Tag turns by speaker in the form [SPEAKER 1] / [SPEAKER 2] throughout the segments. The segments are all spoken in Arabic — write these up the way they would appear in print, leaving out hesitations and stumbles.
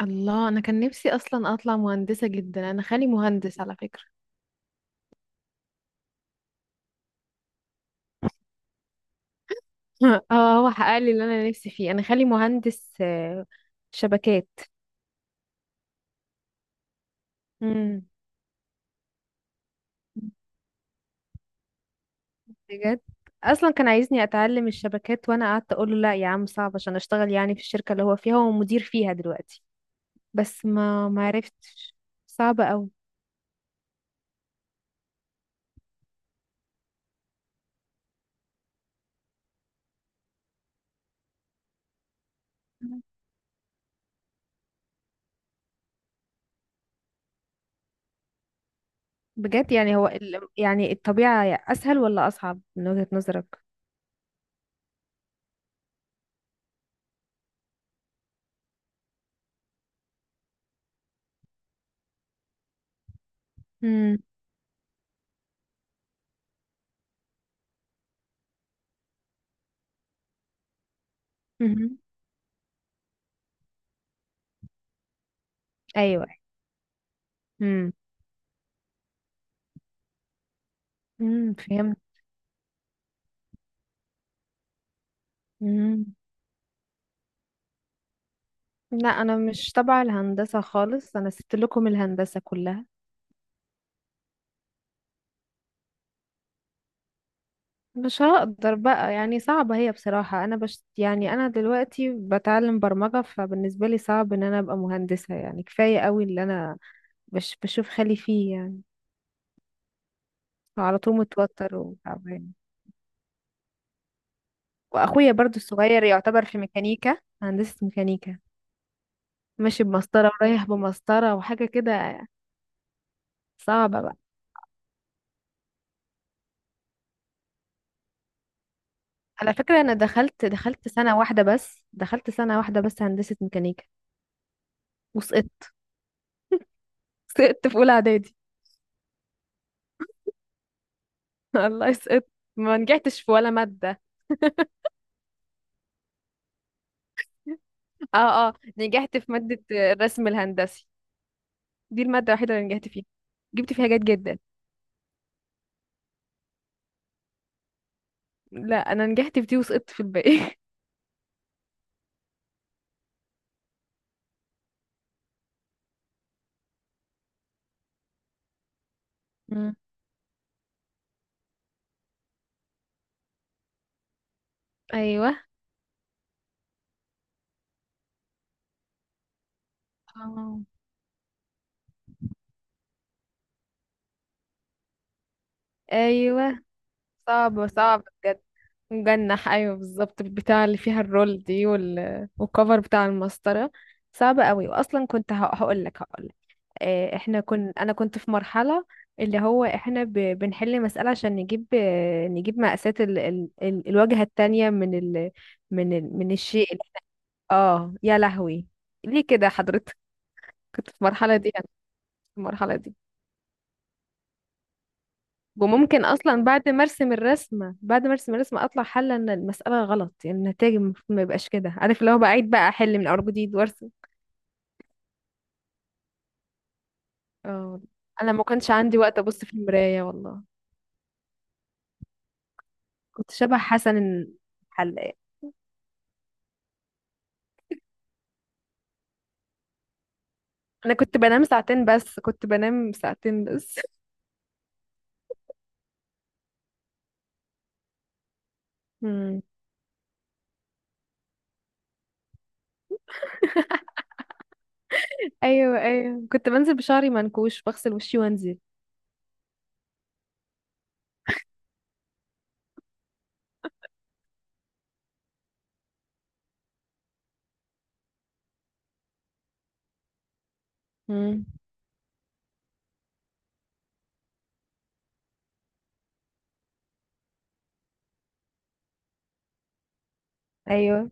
[SPEAKER 1] الله، انا كان نفسي اصلا اطلع مهندسه جدا. انا خالي مهندس على فكره. اه، هو حقق لي اللي انا نفسي فيه. انا خالي مهندس شبكات. امم. بجد اصلا كان عايزني اتعلم الشبكات، وانا قعدت اقول له لا يا عم، صعب عشان اشتغل يعني في الشركه اللي هو فيها، هو مدير فيها دلوقتي. بس ما عرفتش. صعبه قوي. بجد يعني هو يعني الطبيعه اسهل ولا اصعب من وجهه نظرك؟ امم. أمم. ايوه. امم. امم. فهمت. لا، انا مش تبع الهندسة خالص، انا سبت لكم الهندسة كلها. مش هقدر بقى، يعني صعبة هي بصراحة. انا يعني انا دلوقتي بتعلم برمجة، فبالنسبة لي صعب ان انا ابقى مهندسة. يعني كفاية قوي اللي انا بشوف خالي فيه، يعني على طول متوتر وتعبان. واخويا برضو الصغير يعتبر في ميكانيكا، هندسة ميكانيكا. ماشي بمسطرة ورايح بمسطرة وحاجة كده. صعبة بقى. على فكرة، انا دخلت دخلت سنة واحدة بس دخلت سنة واحدة بس هندسة ميكانيكا، وسقطت. سقطت في اولى اعدادي. الله، سقطت. ما نجحتش في ولا ماده. اه اه، نجحت في ماده الرسم الهندسي. دي الماده الوحيده اللي نجحت فيها. جبت فيها جيد جدا. لا، انا نجحت في دي وسقطت في الباقي. مم. ايوه. آه. ايوه، صعبه صعبه بجد. مجنح، ايوه بالظبط، بتاع اللي فيها الرول دي والكفر بتاع المسطره. صعبه قوي. واصلا كنت هقول لك، هقول آه، احنا كن انا كنت في مرحلة. اللي هو احنا بنحل مسألة عشان نجيب مقاسات الواجهة التانية من الشيء اه يا لهوي، ليه كده حضرتك؟ كنت في المرحلة دي انا، في المرحلة دي. وممكن اصلا بعد ما ارسم الرسمة اطلع حل ان المسألة غلط. يعني النتائج المفروض ما يبقاش كده، عارف؟ اللي هو بعيد بقى، احل من اول جديد وارسم. اه، انا ما كانش عندي وقت ابص في المراية والله. كنت شبه حسن الحلاق. انا كنت بنام ساعتين بس. مم. ايوه، ايوه، كنت بنزل بشعري منكوش، بغسل وشي وانزل. مم. ايوه،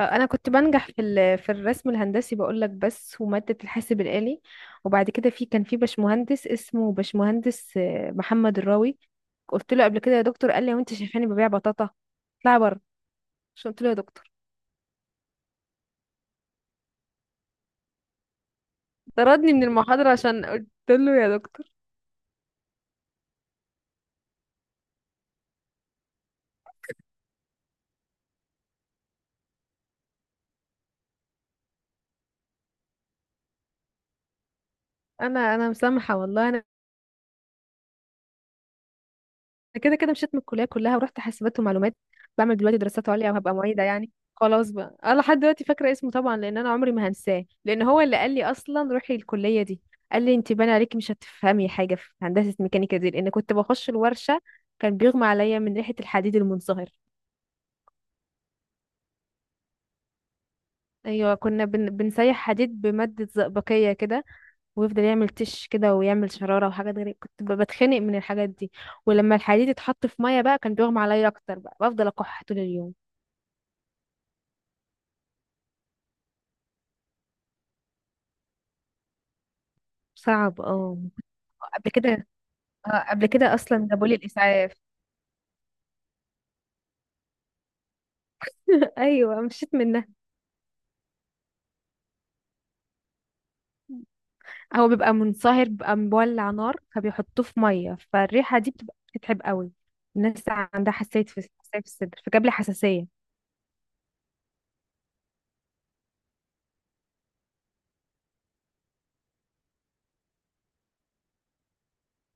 [SPEAKER 1] انا كنت بنجح في الرسم الهندسي، بقول لك، بس وماده الحاسب الالي. وبعد كده كان في باشمهندس، اسمه باشمهندس محمد الراوي. قلت له قبل كده يا دكتور، قال لي هو انت شايفاني ببيع بطاطا؟ اطلعي بره. مش قلت له يا دكتور؟ طردني من المحاضره عشان قلت له يا دكتور. انا مسامحه والله. انا كده كده مشيت من الكليه كلها، ورحت حاسبات ومعلومات. بعمل دلوقتي دراسات عليا وهبقى معيده. يعني خلاص بقى. انا لحد دلوقتي فاكره اسمه طبعا، لان انا عمري ما هنساه، لان هو اللي قال لي اصلا روحي الكليه دي. قال لي انت باين عليكي مش هتفهمي حاجه في هندسه ميكانيكا دي، لان كنت بخش الورشه، كان بيغمى عليا من ريحه الحديد المنصهر. ايوه، كنا بنسيح حديد بماده زئبقيه كده، ويفضل يعمل تش كده ويعمل شراره وحاجات غريبه، كنت بتخنق من الحاجات دي. ولما الحديد اتحط في ميه بقى، كان بيغمى عليا اكتر بقى، بفضل اكح طول اليوم. صعب اه. قبل كده اه قبل كده اصلا جابولي الاسعاف. ايوه، مشيت منها. هو بيبقى منصهر، بيبقى مولع نار، فبيحطوه في ميه، فالريحه دي بتبقى بتتعب قوي. الناس عندها حساسيه في الصدر، فجاب لي حساسيه.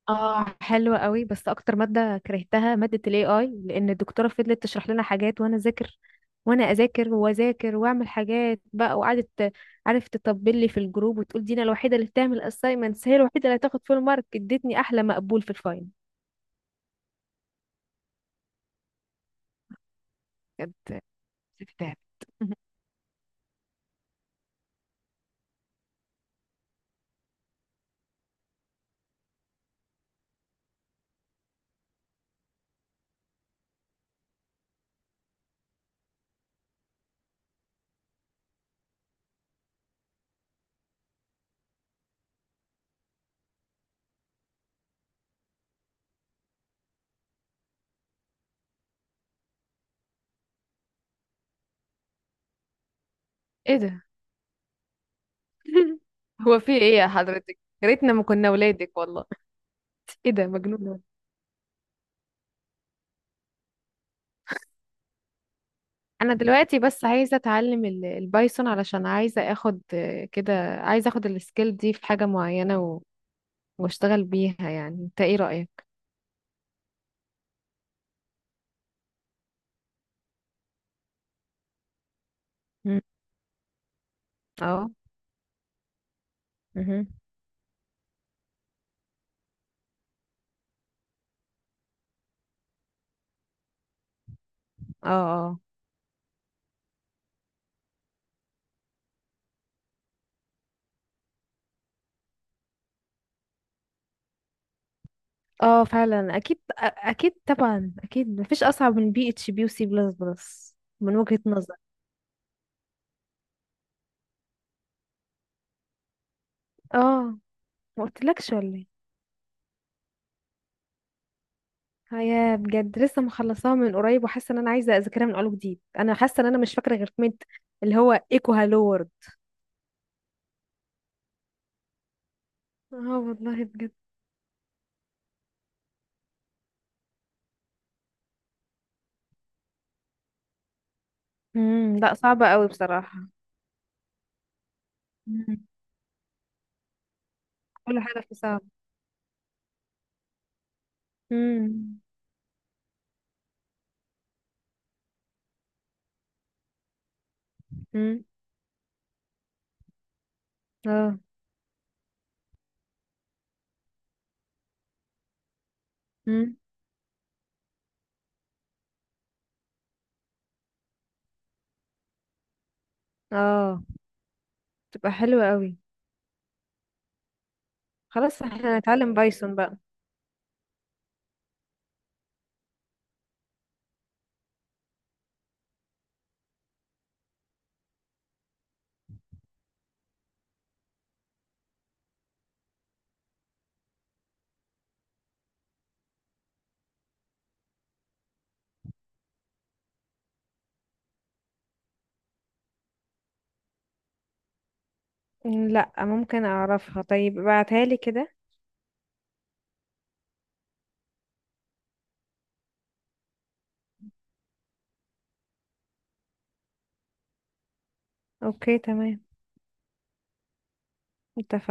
[SPEAKER 1] اه، حلوة قوي. بس اكتر مادة كرهتها مادة الاي اي، لان الدكتورة فضلت تشرح لنا حاجات وانا اذاكر، وانا اذاكر واذاكر واعمل حاجات بقى، وقعدت، عارف، تطبل لي في الجروب وتقول دينا الوحيدة اللي بتعمل اسايمنتس، هي الوحيدة اللي هتاخد فول مارك، ادتني احلى مقبول في الفاينل. بجد، بتتعب. ايه ده؟ هو في ايه يا حضرتك؟ يا ريتنا ما كنا ولادك والله. ايه ده، مجنونة. انا دلوقتي بس عايزه اتعلم البايثون، علشان عايزه اخد كده، عايزه اخد السكيل دي في حاجه معينه واشتغل بيها. يعني انت ايه رايك؟ مم. اه. مهم. اه اه. اه، فعلا اكيد. اكيد طبعا. اكيد مفيش اصعب من بي اتش بي وسي بلس بلس من وجهة نظري. اه، ما قلتلكش ولا ايه؟ هي بجد لسه مخلصاها من قريب، وحاسه ان انا عايزه اذاكرها من اول وجديد. انا حاسه ان انا مش فاكره غير كلمه، اللي هو ايكو هالو وورد. اه والله بجد. امم. لا، صعبة قوي بصراحة. مم. كل حاجة فيه صعبة. امم. امم. اه. امم. اه، تبقى حلوة قوي. خلاص، احنا هنتعلم بايثون بقى. مم، لا ممكن اعرفها؟ طيب ابعتها لي كده. اوكي، تمام. اتفقنا.